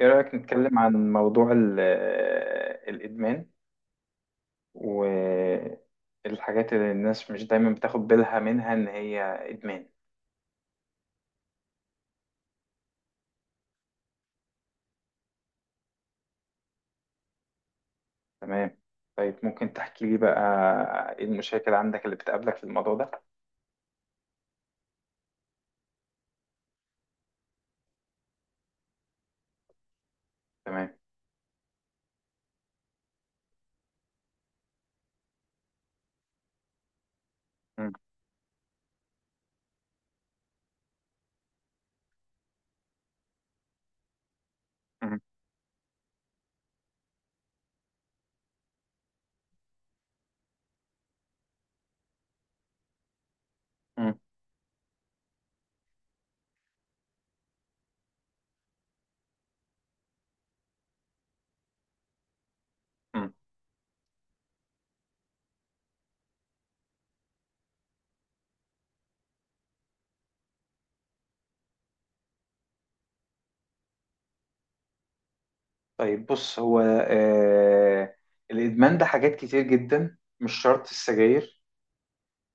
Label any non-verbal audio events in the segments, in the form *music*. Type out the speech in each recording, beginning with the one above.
إيه رأيك نتكلم عن موضوع الإدمان والحاجات اللي الناس مش دايما بتاخد بالها منها إن هي إدمان. تمام. طيب، ممكن تحكي لي بقى إيه المشاكل عندك اللي بتقابلك في الموضوع ده؟ تمام. مم. مم. مم. مم. طيب بص هو الإدمان ده حاجات كتير جدا، مش شرط السجاير.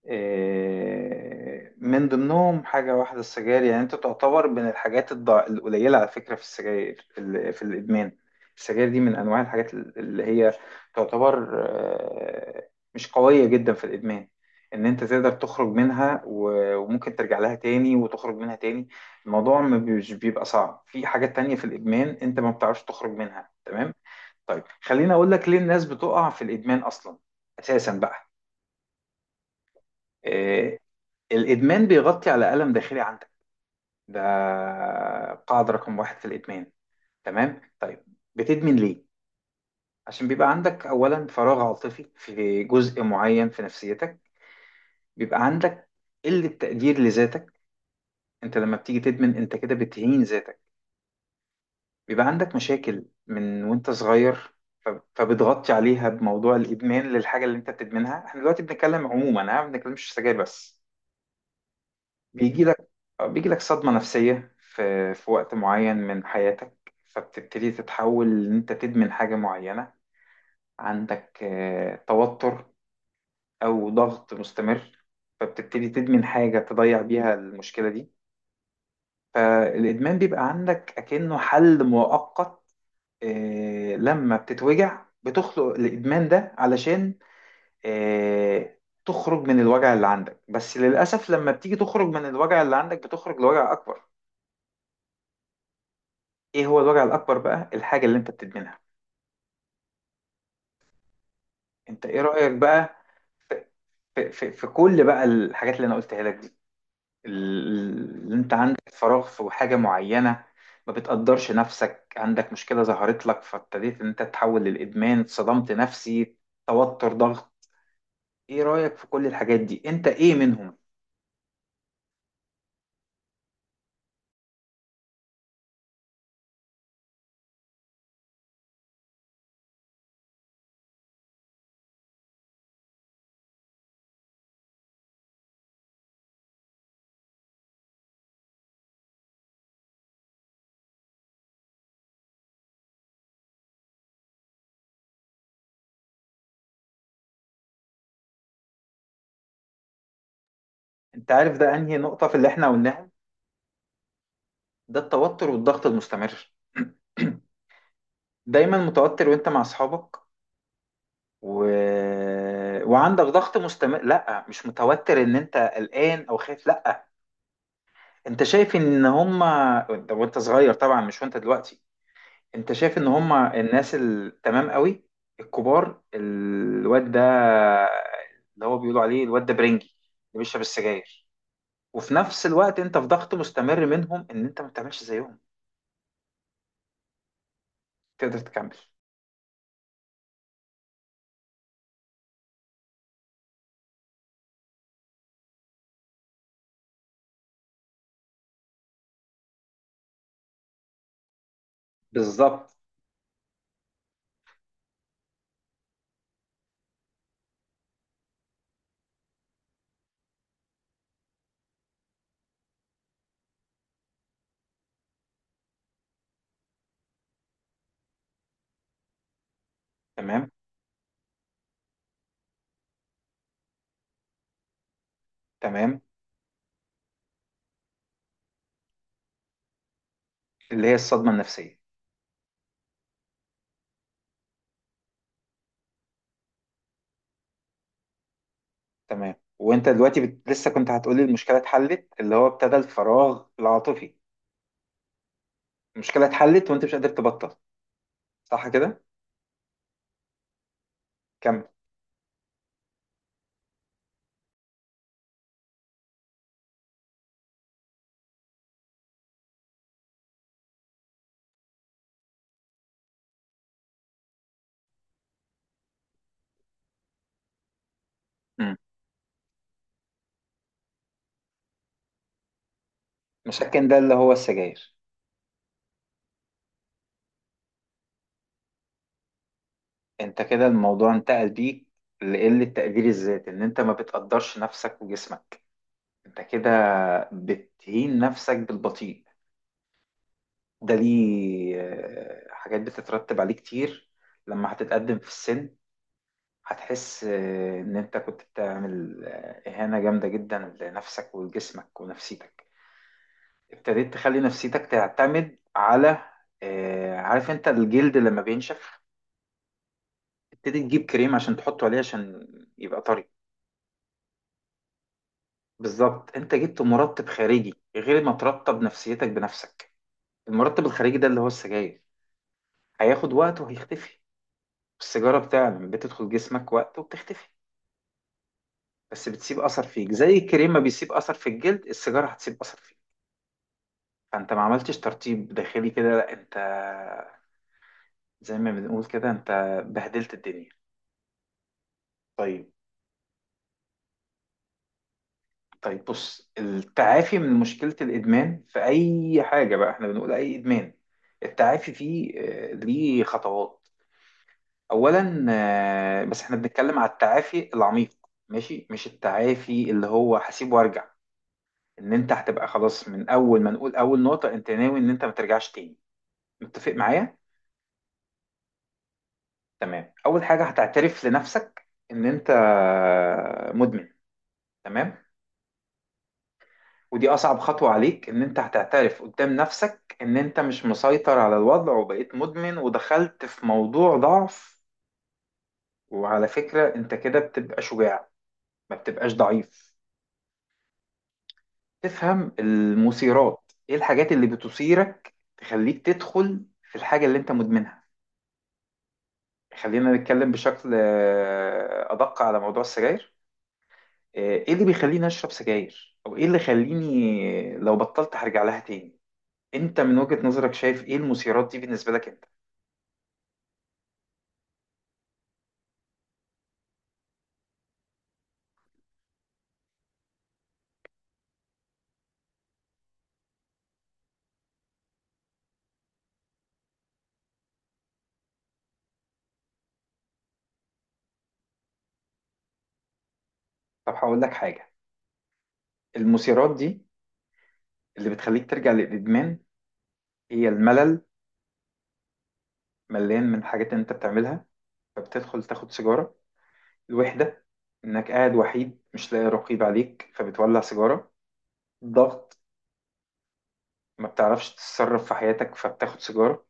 إيه، من ضمنهم حاجة واحدة السجاير، يعني أنت تعتبر من الحاجات القليلة على فكرة في السجاير في الإدمان. السجاير دي من أنواع الحاجات اللي هي تعتبر مش قوية جدا في الإدمان. إن أنت تقدر تخرج منها وممكن ترجع لها تاني وتخرج منها تاني. الموضوع ما بيش- بيبقى صعب في حاجات تانية في الإدمان أنت ما بتعرفش تخرج منها. تمام. طيب، خليني أقول لك ليه الناس بتقع في الإدمان أصلا، أساسا بقى. آه، الإدمان بيغطي على ألم داخلي عندك. ده قاعدة رقم واحد في الإدمان. تمام. طيب، بتدمن ليه؟ عشان بيبقى عندك أولا فراغ عاطفي في جزء معين في نفسيتك، بيبقى عندك قلة تقدير لذاتك. أنت لما بتيجي تدمن، أنت كده بتهين ذاتك. بيبقى عندك مشاكل من وأنت صغير، ف- فبتغطي عليها بموضوع الإدمان للحاجة اللي أنت بتدمنها. احنا دلوقتي بنتكلم عموما، ها، ما بنتكلمش سجاير بس. بيجي لك بيجي لك صدمة نفسية في وقت معين من حياتك، فبتبتدي تتحول إن أنت تدمن حاجة معينة. عندك توتر أو ضغط مستمر، فبتبتدي تدمن حاجة تضيع بيها المشكلة دي. فالإدمان بيبقى عندك أكنه حل مؤقت. لما بتتوجع بتخلق الإدمان ده علشان آه، تخرج من الوجع اللي عندك، بس للأسف لما بتيجي تخرج من الوجع اللي عندك بتخرج لوجع أكبر. ايه هو الوجع الاكبر بقى؟ الحاجه اللي انت بتدمنها. انت ايه رايك بقى في, في كل بقى الحاجات اللي انا قلتها لك دي، اللي انت عندك فراغ في حاجه معينه، ما بتقدرش نفسك، عندك مشكله ظهرت لك فابتديت ان انت تحول للادمان، صدمت نفسي، توتر، ضغط. ايه رايك في كل الحاجات دي؟ انت ايه منهم؟ انت عارف ده انهي نقطه في اللي احنا قلناهم؟ ده التوتر والضغط المستمر. *clears throat* دايما متوتر وانت مع اصحابك و... وعندك ضغط مستمر. لا مش متوتر ان انت قلقان او خايف، لا. انت شايف ان هما وانت صغير طبعا، مش وانت دلوقتي. انت شايف ان هما الناس التمام قوي، الكبار، الواد ده اللي هو بيقولوا عليه الواد ده برنجي، اللي بيشرب السجاير. وفي نفس الوقت انت في ضغط مستمر منهم ان انت ما بتعملش زيهم. تقدر تكمل؟ بالظبط. تمام، تمام، اللي هي الصدمة النفسية. تمام. وانت دلوقتي لسه كنت هتقولي المشكله اتحلت، اللي هو ابتدى الفراغ العاطفي. المشكله اتحلت وانت مش قادر تبطل، صح كده؟ كمل. مم. مشاكل، ده اللي هو السجاير. انت كده الموضوع انتقل بيك لقله تقدير الذات، ان انت ما بتقدرش نفسك وجسمك، انت كده بتهين نفسك بالبطيء. ده ليه حاجات بتترتب عليه كتير. لما هتتقدم في السن هتحس إن أنت كنت بتعمل إهانة جامدة جدا لنفسك ولجسمك ونفسيتك. ابتديت تخلي نفسيتك تعتمد على، عارف أنت الجلد لما بينشف، ابتدي تجيب كريم عشان تحطه عليه عشان يبقى طري. بالظبط. أنت جبت مرطب خارجي غير ما ترطب نفسيتك بنفسك. المرطب الخارجي ده اللي هو السجاير، هياخد وقت وهيختفي. السيجارة بتاع، لما بتدخل جسمك وقت وبتختفي. بس بتسيب أثر فيك، زي الكريم ما بيسيب أثر في الجلد، السيجارة هتسيب أثر فيك. فانت ما عملتش ترتيب داخلي كده، لا انت زي ما بنقول كده، انت بهدلت الدنيا. طيب. طيب بص، التعافي من مشكلة الإدمان في أي حاجة، بقى احنا بنقول أي إدمان. التعافي فيه ليه خطوات. أولا، بس احنا بنتكلم على التعافي العميق، ماشي، مش التعافي اللي هو هسيب وارجع، ان انت هتبقى خلاص من اول ما نقول، اول نقطة، انت ناوي ان انت ما ترجعش تاني. متفق معايا؟ تمام. اول حاجه هتعترف لنفسك ان انت مدمن. تمام. ودي اصعب خطوه عليك، ان انت هتعترف قدام نفسك ان انت مش مسيطر على الوضع وبقيت مدمن ودخلت في موضوع ضعف. وعلى فكره، انت كده بتبقى شجاع، ما بتبقاش ضعيف. تفهم المثيرات، ايه الحاجات اللي بتثيرك تخليك تدخل في الحاجه اللي انت مدمنها. خلينا نتكلم بشكل ادق على موضوع السجاير. آه، ايه اللي بيخليني اشرب سجاير، او ايه اللي يخليني لو بطلت هرجع لها تاني؟ انت من وجهة نظرك شايف ايه المثيرات دي بالنسبة لك انت؟ طب هقول لك حاجة. المثيرات دي اللي بتخليك ترجع للادمان هي الملل، مليان من حاجات انت بتعملها فبتدخل تاخد سيجارة. الوحدة، انك قاعد وحيد مش لاقي رقيب عليك فبتولع سيجارة. ضغط، ما بتعرفش تتصرف في حياتك فبتاخد سيجارة.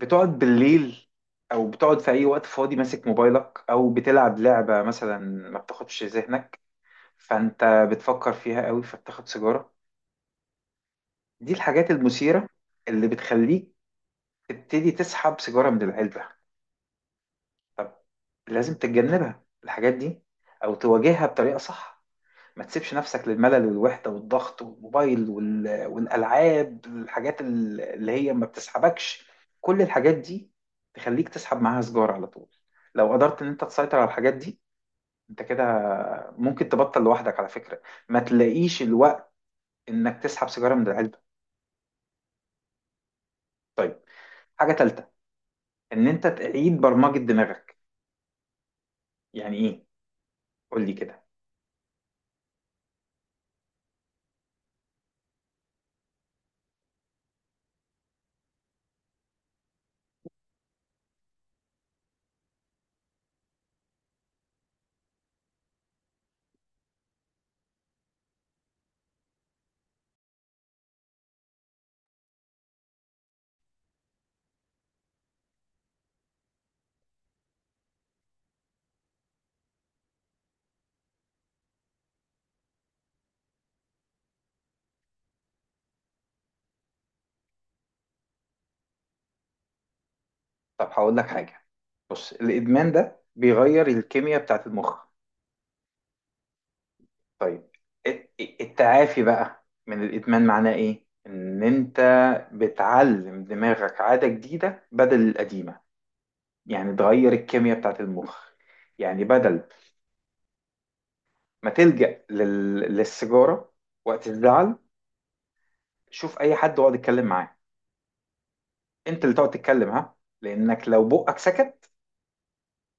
بتقعد بالليل، او بتقعد في اي وقت فاضي ماسك موبايلك او بتلعب لعبة مثلا، ما بتاخدش ذهنك، فانت بتفكر فيها قوي فبتاخد سيجارة. دي الحاجات المثيرة اللي بتخليك تبتدي تسحب سيجارة من العلبة. لازم تتجنبها الحاجات دي او تواجهها بطريقة صح. ما تسيبش نفسك للملل والوحدة والضغط والموبايل والألعاب، الحاجات اللي هي ما بتسحبكش. كل الحاجات دي تخليك تسحب معاها سجارة على طول. لو قدرت ان انت تسيطر على الحاجات دي، انت كده ممكن تبطل لوحدك على فكرة، ما تلاقيش الوقت انك تسحب سيجارة من العلبة. طيب، حاجة تالتة، ان انت تعيد برمجة دماغك. يعني ايه؟ قول لي كده. طب هقول لك حاجة. بص الإدمان ده بيغير الكيمياء بتاعت المخ. طيب. الت- التعافي بقى من الإدمان معناه إيه؟ إن أنت بتعلم دماغك عادة جديدة بدل القديمة. يعني تغير الكيمياء بتاعت المخ. يعني بدل ما تلجأ للسيجارة وقت الزعل، شوف أي حد واقعد اتكلم معاه. أنت اللي تقعد تتكلم، ها. لأنك لو بقك سكت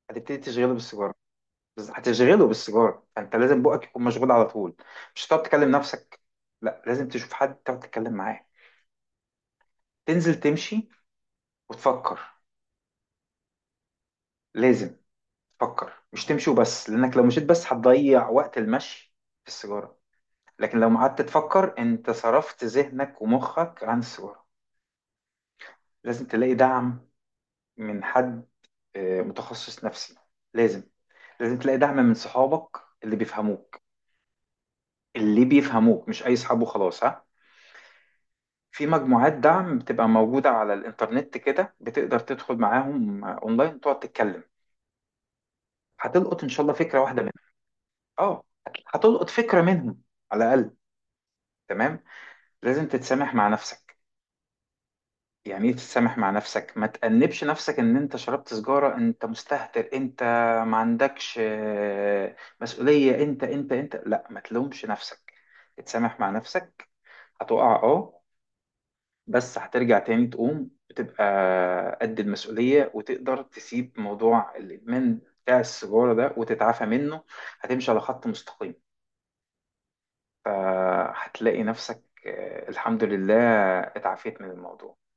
هتبتدي تشغله بالسيجارة. بس هتشغله بالسيجارة، فأنت لازم بقك يكون مشغول على طول. مش هتقعد تكلم نفسك، لا لازم تشوف حد تقعد تتكلم معاه. تنزل تمشي وتفكر. لازم تفكر، مش تمشي وبس، لانك لو مشيت بس هتضيع وقت المشي في السيجاره. لكن لو قعدت تفكر انت صرفت ذهنك ومخك عن السيجاره. لازم تلاقي دعم من حد متخصص نفسي. لازم، لازم تلاقي دعم من صحابك اللي بيفهموك، اللي بيفهموك مش اي صحاب وخلاص، ها. في مجموعات دعم بتبقى موجودة على الإنترنت كده، بتقدر تدخل معاهم أونلاين وتقعد تتكلم. هتلقط إن شاء الله فكرة واحدة منهم. أه، هتلقط فكرة منهم على الأقل. تمام. لازم تتسامح مع نفسك. يعني ايه تتسامح مع نفسك؟ ما تأنبش نفسك ان انت شربت سجارة، انت مستهتر، انت ما عندكش مسؤولية، انت لا ما تلومش نفسك. تتسامح مع نفسك. هتقع، اه، بس هترجع تاني تقوم بتبقى قد المسؤولية وتقدر تسيب موضوع الإدمان بتاع السجارة ده وتتعافى منه. هتمشي على خط مستقيم، فهتلاقي نفسك الحمد لله اتعافيت من الموضوع.